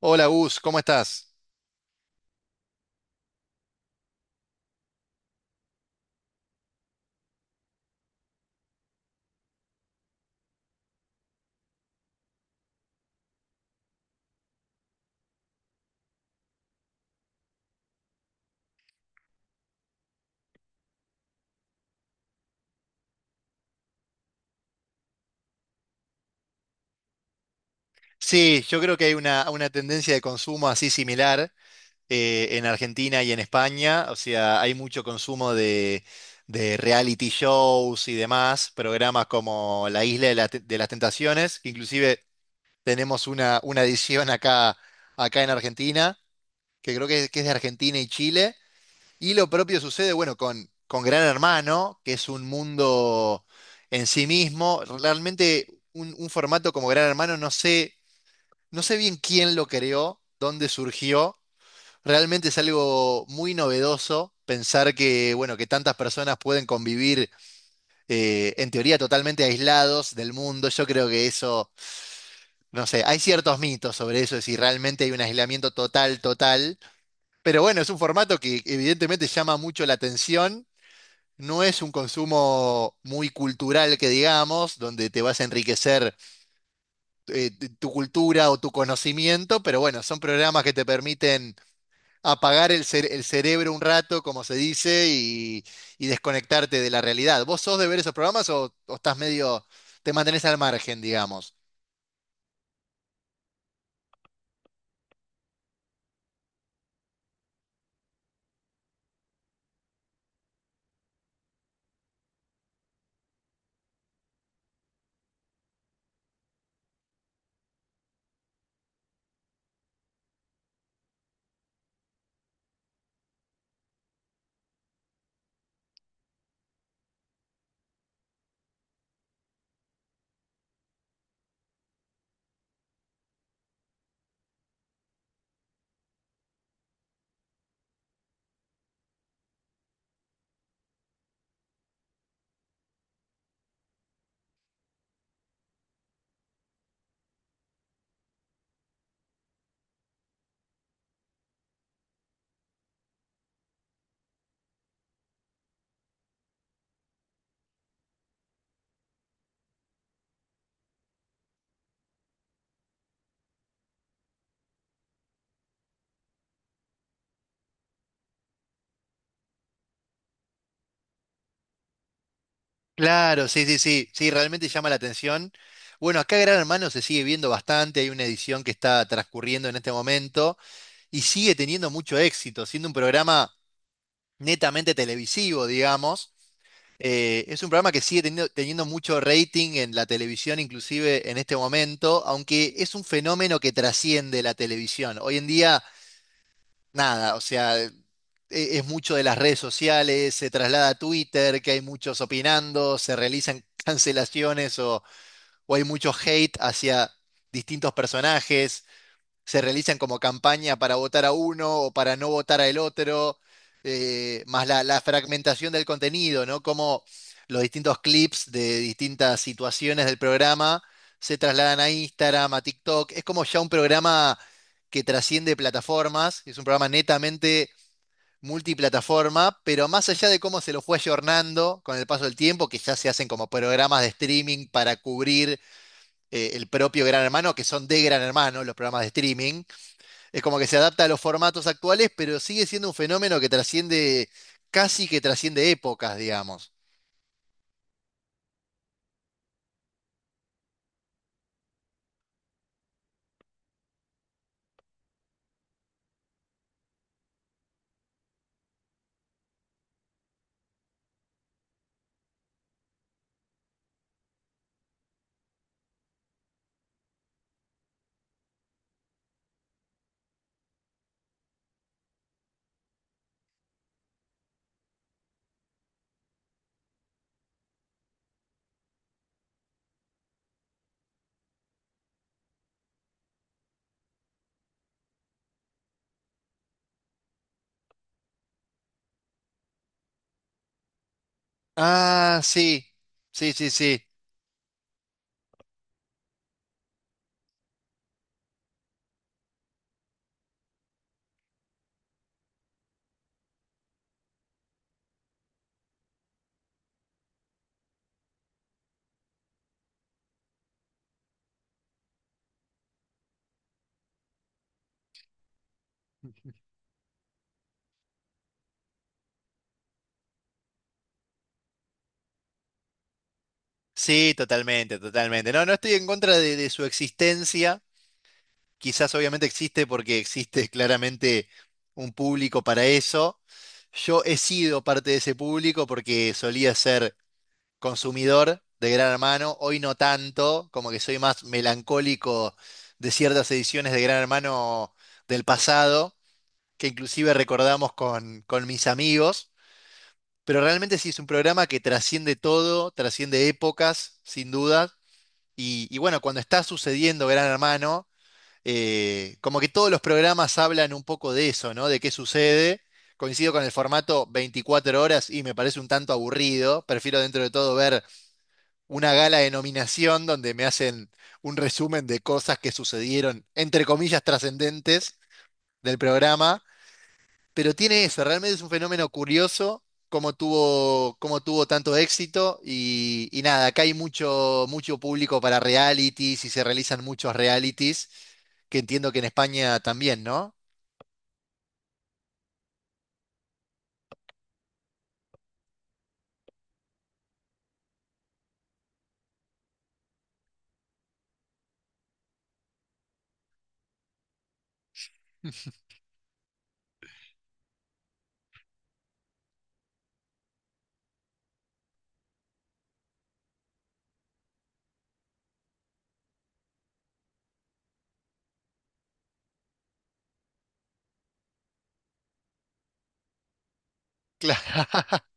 Hola Gus, ¿cómo estás? Sí, yo creo que hay una tendencia de consumo así similar, en Argentina y en España. O sea, hay mucho consumo de reality shows y demás, programas como La Isla de las Tentaciones, que inclusive tenemos una edición acá en Argentina, que que es de Argentina y Chile. Y lo propio sucede, bueno, con Gran Hermano, que es un mundo en sí mismo. Realmente un formato como Gran Hermano, no sé, no sé bien quién lo creó, dónde surgió. Realmente es algo muy novedoso pensar que, bueno, que tantas personas pueden convivir, en teoría totalmente aislados del mundo. Yo creo que eso, no sé, hay ciertos mitos sobre eso, de si realmente hay un aislamiento total, total. Pero bueno, es un formato que evidentemente llama mucho la atención. No es un consumo muy cultural que digamos, donde te vas a enriquecer, tu cultura o tu conocimiento, pero bueno, son programas que te permiten apagar el cerebro un rato, como se dice, y desconectarte de la realidad. ¿Vos sos de ver esos programas o estás medio, te mantenés al margen, digamos? Claro, sí, sí, sí, sí, realmente llama la atención. Bueno, acá Gran Hermano se sigue viendo bastante, hay una edición que está transcurriendo en este momento y sigue teniendo mucho éxito, siendo un programa netamente televisivo, digamos. Es un programa que sigue teniendo mucho rating en la televisión, inclusive en este momento, aunque es un fenómeno que trasciende la televisión. Hoy en día, nada, o sea, es mucho de las redes sociales, se traslada a Twitter, que hay muchos opinando, se realizan cancelaciones o hay mucho hate hacia distintos personajes, se realizan como campaña para votar a uno o para no votar al otro, más la fragmentación del contenido, ¿no? Como los distintos clips de distintas situaciones del programa se trasladan a Instagram, a TikTok. Es como ya un programa que trasciende plataformas, es un programa netamente multiplataforma, pero más allá de cómo se lo fue ayornando con el paso del tiempo, que ya se hacen como programas de streaming para cubrir, el propio Gran Hermano, que son de Gran Hermano los programas de streaming, es como que se adapta a los formatos actuales, pero sigue siendo un fenómeno que trasciende, casi que trasciende épocas, digamos. Ah, sí, sí, sí, sí. Sí, totalmente, totalmente. No, no estoy en contra de su existencia. Quizás obviamente existe porque existe claramente un público para eso. Yo he sido parte de ese público porque solía ser consumidor de Gran Hermano, hoy no tanto, como que soy más melancólico de ciertas ediciones de Gran Hermano del pasado, que inclusive recordamos con mis amigos, pero realmente sí es un programa que trasciende todo, trasciende épocas, sin duda, y bueno, cuando está sucediendo Gran Hermano, como que todos los programas hablan un poco de eso, ¿no? De qué sucede. Coincido con el formato 24 horas y me parece un tanto aburrido. Prefiero dentro de todo ver una gala de nominación donde me hacen un resumen de cosas que sucedieron, entre comillas, trascendentes del programa, pero tiene eso, realmente es un fenómeno curioso cómo tuvo tanto éxito y nada, acá hay mucho, mucho público para realities y se realizan muchos realities, que entiendo que en España también, ¿no? Claro.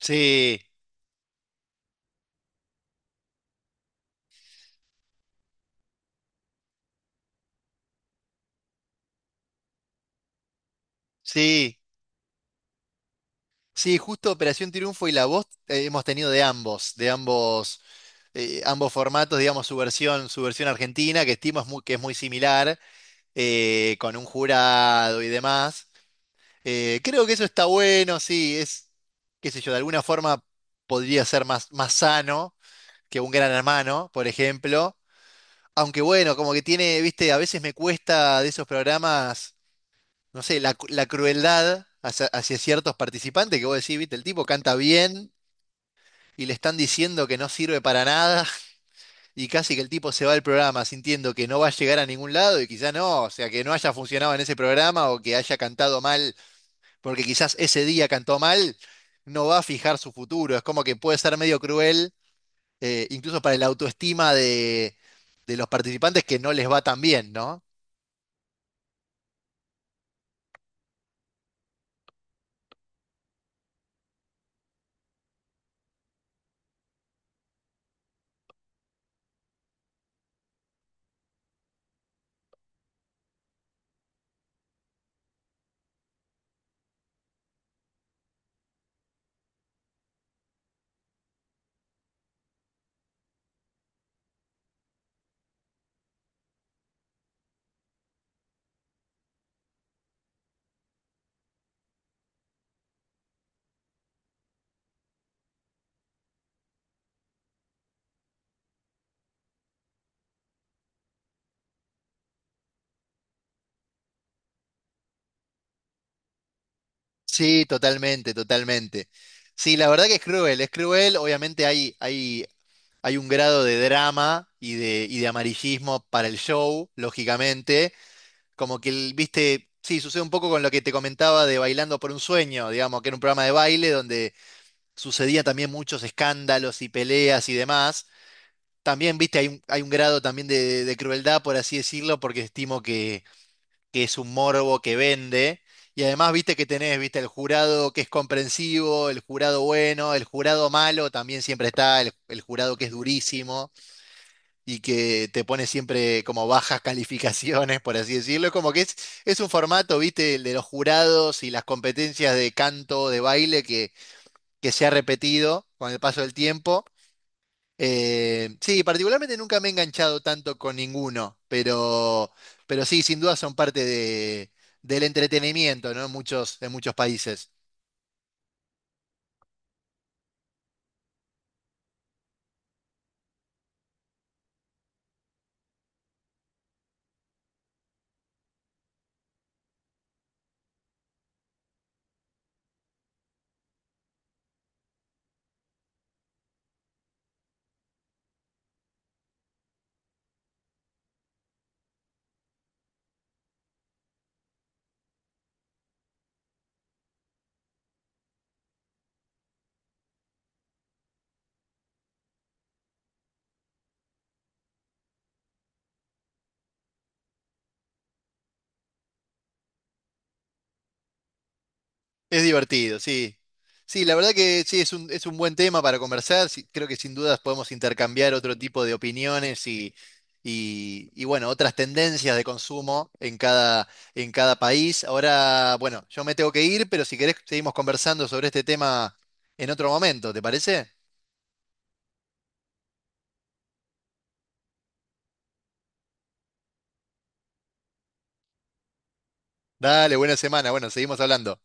Sí, sí, sí, justo Operación Triunfo y La Voz, hemos tenido de ambos, de ambos, ambos formatos, digamos, su versión argentina, que estimo es muy, que es muy similar, con un jurado y demás. Creo que eso está bueno, sí, es, qué sé yo, de alguna forma podría ser más, más sano que un Gran Hermano, por ejemplo. Aunque bueno, como que tiene, viste, a veces me cuesta de esos programas, no sé, la crueldad hacia, hacia ciertos participantes que vos decís, viste, el tipo canta bien y le están diciendo que no sirve para nada. Y casi que el tipo se va del programa sintiendo que no va a llegar a ningún lado y quizá no, o sea, que no haya funcionado en ese programa o que haya cantado mal, porque quizás ese día cantó mal, no va a fijar su futuro. Es como que puede ser medio cruel, incluso para la autoestima de los participantes que no les va tan bien, ¿no? Sí, totalmente, totalmente. Sí, la verdad que es cruel, es cruel. Obviamente hay, hay, hay un grado de drama y y de amarillismo para el show, lógicamente. Como que, viste, sí, sucede un poco con lo que te comentaba de Bailando por un Sueño, digamos, que era un programa de baile donde sucedían también muchos escándalos y peleas y demás. También, viste, hay hay un grado también de crueldad, por así decirlo, porque estimo que es un morbo que vende. Y además, viste que tenés, viste, el jurado que es comprensivo, el jurado bueno, el jurado malo también siempre está, el jurado que es durísimo y que te pone siempre como bajas calificaciones, por así decirlo. Es como que es un formato, viste, el de los jurados y las competencias de canto, de baile, que se ha repetido con el paso del tiempo. Sí, particularmente nunca me he enganchado tanto con ninguno, pero sí, sin duda son parte de, del entretenimiento, ¿no? En muchos países. Es divertido, sí. Sí, la verdad que sí, es un buen tema para conversar. Sí, creo que sin dudas podemos intercambiar otro tipo de opiniones y, bueno, otras tendencias de consumo en cada país. Ahora, bueno, yo me tengo que ir, pero si querés seguimos conversando sobre este tema en otro momento, ¿te parece? Dale, buena semana. Bueno, seguimos hablando.